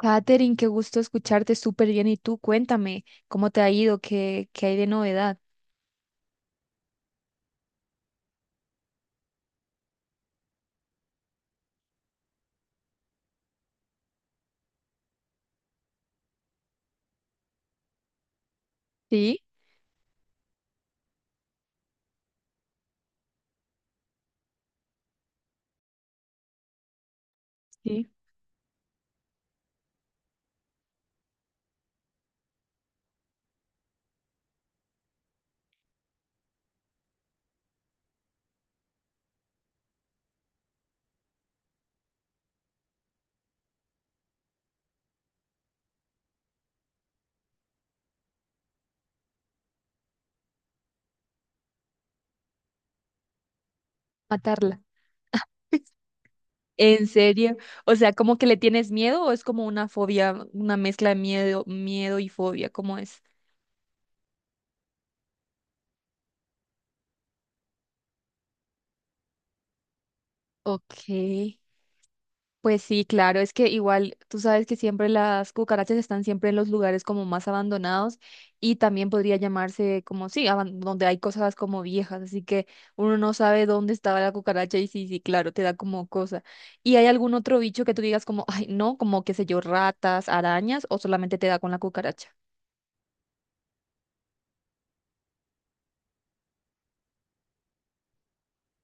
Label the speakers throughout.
Speaker 1: Katherine, qué gusto escucharte súper bien. Y tú, cuéntame, ¿cómo te ha ido? ¿¿Qué hay de novedad? Sí, sí, matarla. ¿En serio? O sea, ¿como que le tienes miedo o es como una fobia, una mezcla de miedo y fobia? ¿Cómo es? Ok. Pues sí, claro, es que igual tú sabes que siempre las cucarachas están siempre en los lugares como más abandonados y también podría llamarse como sí, donde hay cosas como viejas, así que uno no sabe dónde estaba la cucaracha y sí, sí, claro, te da como cosa. ¿Y hay algún otro bicho que tú digas como, ay, no, como qué sé yo, ratas, arañas o solamente te da con la cucaracha?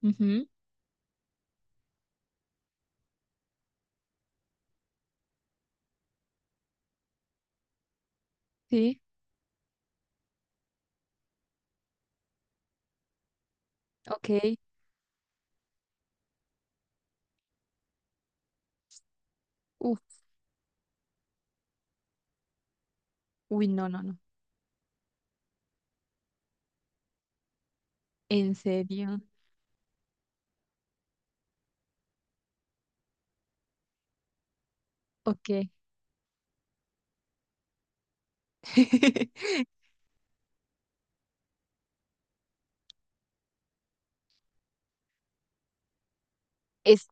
Speaker 1: Ujú. Sí, ok. Uf, uy, no, no, no. ¿En serio? Ok. Es.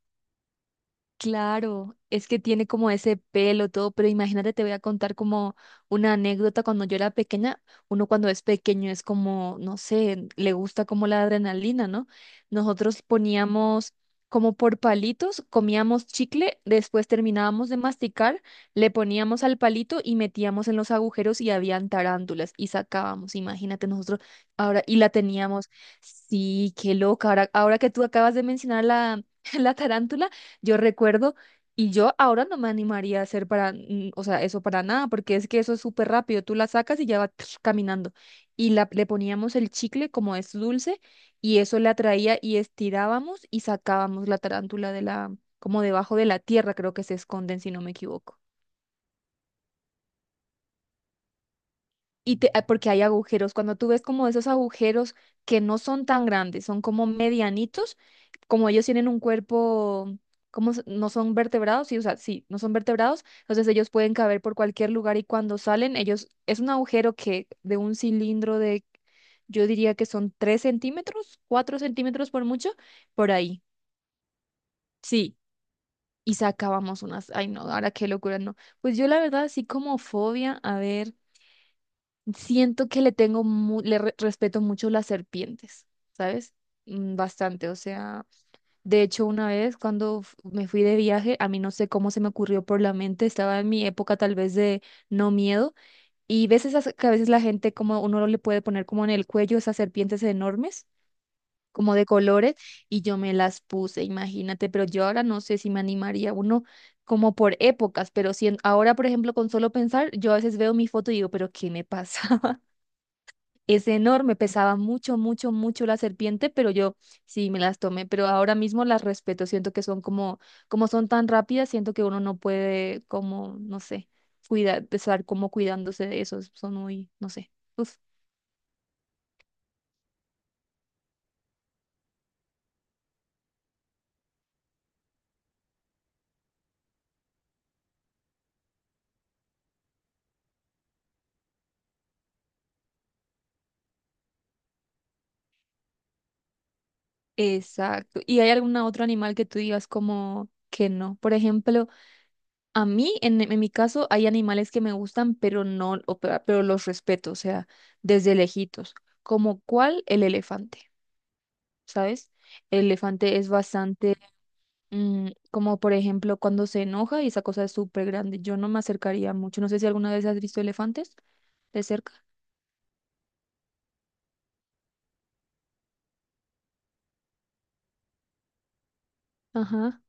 Speaker 1: Claro, es que tiene como ese pelo todo, pero imagínate, te voy a contar como una anécdota cuando yo era pequeña, uno cuando es pequeño es como, no sé, le gusta como la adrenalina, ¿no? Nosotros poníamos como por palitos, comíamos chicle, después terminábamos de masticar, le poníamos al palito y metíamos en los agujeros y habían tarántulas y sacábamos, imagínate nosotros ahora, y la teníamos, sí, qué loca, ahora que tú acabas de mencionar la, la tarántula. Yo recuerdo y yo ahora no me animaría a hacer para, o sea, eso para nada, porque es que eso es súper rápido. Tú la sacas y ya va caminando. Y la, le poníamos el chicle como es dulce y eso le atraía y estirábamos y sacábamos la tarántula de la, como debajo de la tierra, creo que se esconden si no me equivoco. Y ah, porque hay agujeros. Cuando tú ves como esos agujeros que no son tan grandes, son como medianitos, como ellos tienen un cuerpo, como no son vertebrados, sí, o sea, sí, no son vertebrados, entonces ellos pueden caber por cualquier lugar y cuando salen, ellos, es un agujero que de un cilindro de, yo diría que son 3 centímetros, 4 centímetros por mucho, por ahí. Sí. Y sacábamos unas, ay no, ahora qué locura, no. Pues yo la verdad, así como fobia, a ver. Siento que le tengo, respeto mucho las serpientes, ¿sabes? Bastante, o sea, de hecho una vez cuando me fui de viaje, a mí no sé cómo se me ocurrió por la mente, estaba en mi época tal vez de no miedo, y ves esas que a veces la gente como uno le puede poner como en el cuello esas serpientes enormes, como de colores, y yo me las puse, imagínate, pero yo ahora no sé si me animaría uno como por épocas, pero si ahora, por ejemplo, con solo pensar, yo a veces veo mi foto y digo, pero ¿qué me pasa? Es enorme, pesaba mucho, mucho, mucho la serpiente, pero yo sí me las tomé, pero ahora mismo las respeto, siento que son como, como son tan rápidas, siento que uno no puede como, no sé, cuidar, estar como cuidándose de esos, son muy, no sé. Uf. Exacto. ¿Y hay algún otro animal que tú digas como que no? Por ejemplo, a mí, en mi caso, hay animales que me gustan, pero no, o pero los respeto, o sea, desde lejitos, como cuál el elefante. ¿Sabes? El elefante es bastante, como por ejemplo cuando se enoja y esa cosa es súper grande. Yo no me acercaría mucho. No sé si alguna vez has visto elefantes de cerca. Ajá.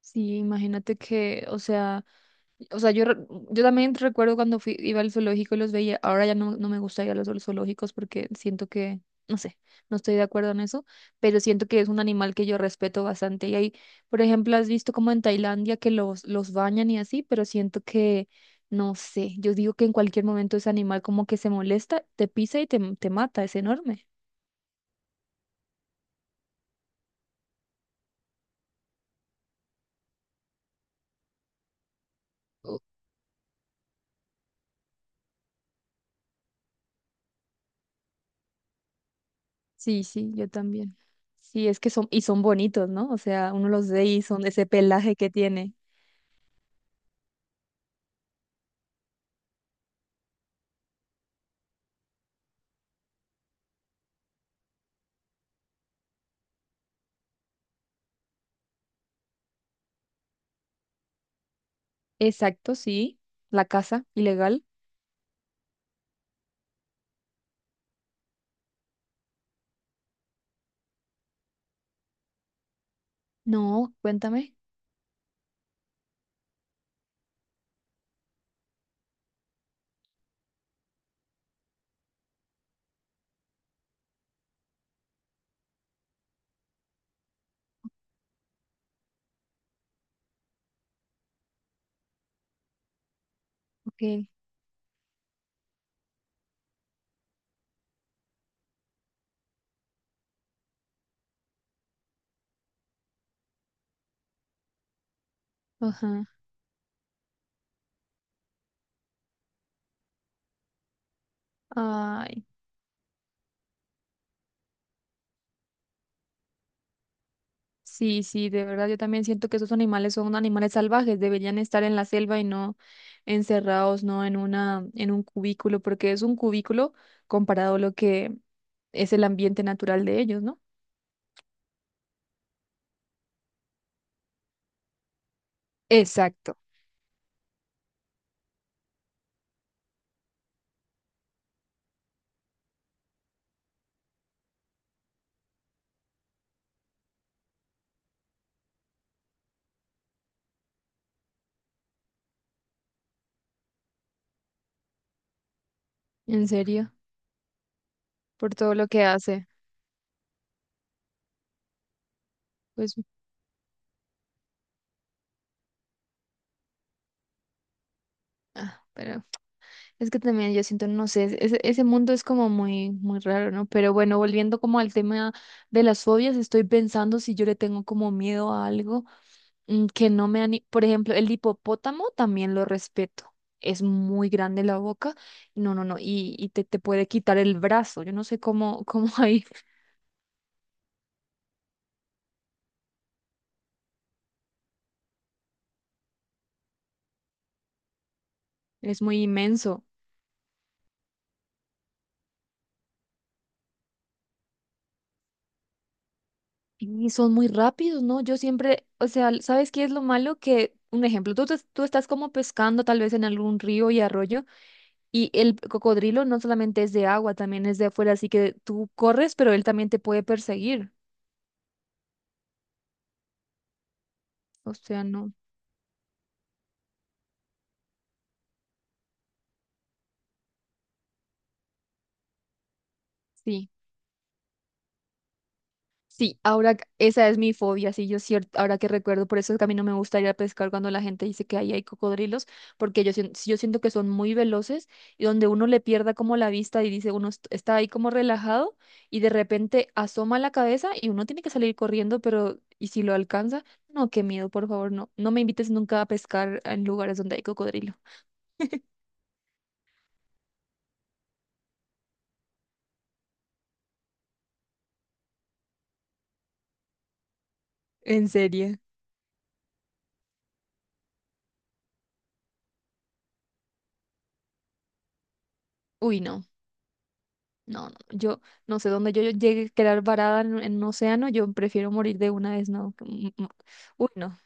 Speaker 1: Sí, imagínate que, o sea... O sea, yo también recuerdo cuando fui, iba al zoológico y los veía. Ahora ya no, no me gusta ir a los zoológicos porque siento que, no sé, no estoy de acuerdo en eso, pero siento que es un animal que yo respeto bastante. Y ahí, por ejemplo, has visto como en Tailandia que los bañan y así, pero siento que, no sé, yo digo que en cualquier momento ese animal como que se molesta, te pisa y te mata, es enorme. Oh. Sí, sí, yo también. Sí, es que son, y son bonitos, ¿no? O sea, uno los ve y son ese pelaje que tiene. Exacto, sí. La casa ilegal. No, cuéntame. Ok. Ajá. Ay, sí, sí, de verdad yo también siento que esos animales son animales salvajes, deberían estar en la selva y no encerrados, no en una, en un cubículo, porque es un cubículo comparado a lo que es el ambiente natural de ellos, ¿no? Exacto. En serio, por todo lo que hace. Pues, ah, pero. Es que también yo siento, no sé, ese mundo es como muy, muy raro, ¿no? Pero bueno, volviendo como al tema de las fobias, estoy pensando si yo le tengo como miedo a algo que no me ani... Por ejemplo, el hipopótamo también lo respeto. Es muy grande la boca. No, no, no. Y te, te puede quitar el brazo. Yo no sé cómo, cómo ahí es muy inmenso. Y son muy rápidos, ¿no? Yo siempre, o sea, ¿sabes qué es lo malo? Que, un ejemplo, tú, tú estás como pescando tal vez en algún río y arroyo. Y el cocodrilo no solamente es de agua, también es de afuera, así que tú corres, pero él también te puede perseguir. O sea, no. Sí, sí, ahora esa es mi fobia, sí, yo cierto, ahora que recuerdo, por eso es que a mí no me gusta ir a pescar cuando la gente dice que ahí hay cocodrilos, porque yo, yo siento que son muy veloces y donde uno le pierda como la vista y dice, uno está ahí como relajado y de repente asoma la cabeza y uno tiene que salir corriendo, pero ¿y si lo alcanza? No, qué miedo, por favor, no, no me invites nunca a pescar en lugares donde hay cocodrilos. En serio. Uy, no, no, no. Yo no sé dónde yo llegue a quedar varada en un océano. Yo prefiero morir de una vez, no. que- mm, mm. Uy, no.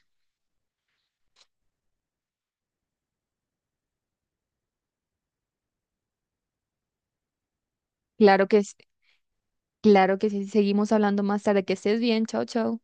Speaker 1: Claro que, claro que sí. Seguimos hablando más tarde. Que estés bien. Chao, chao.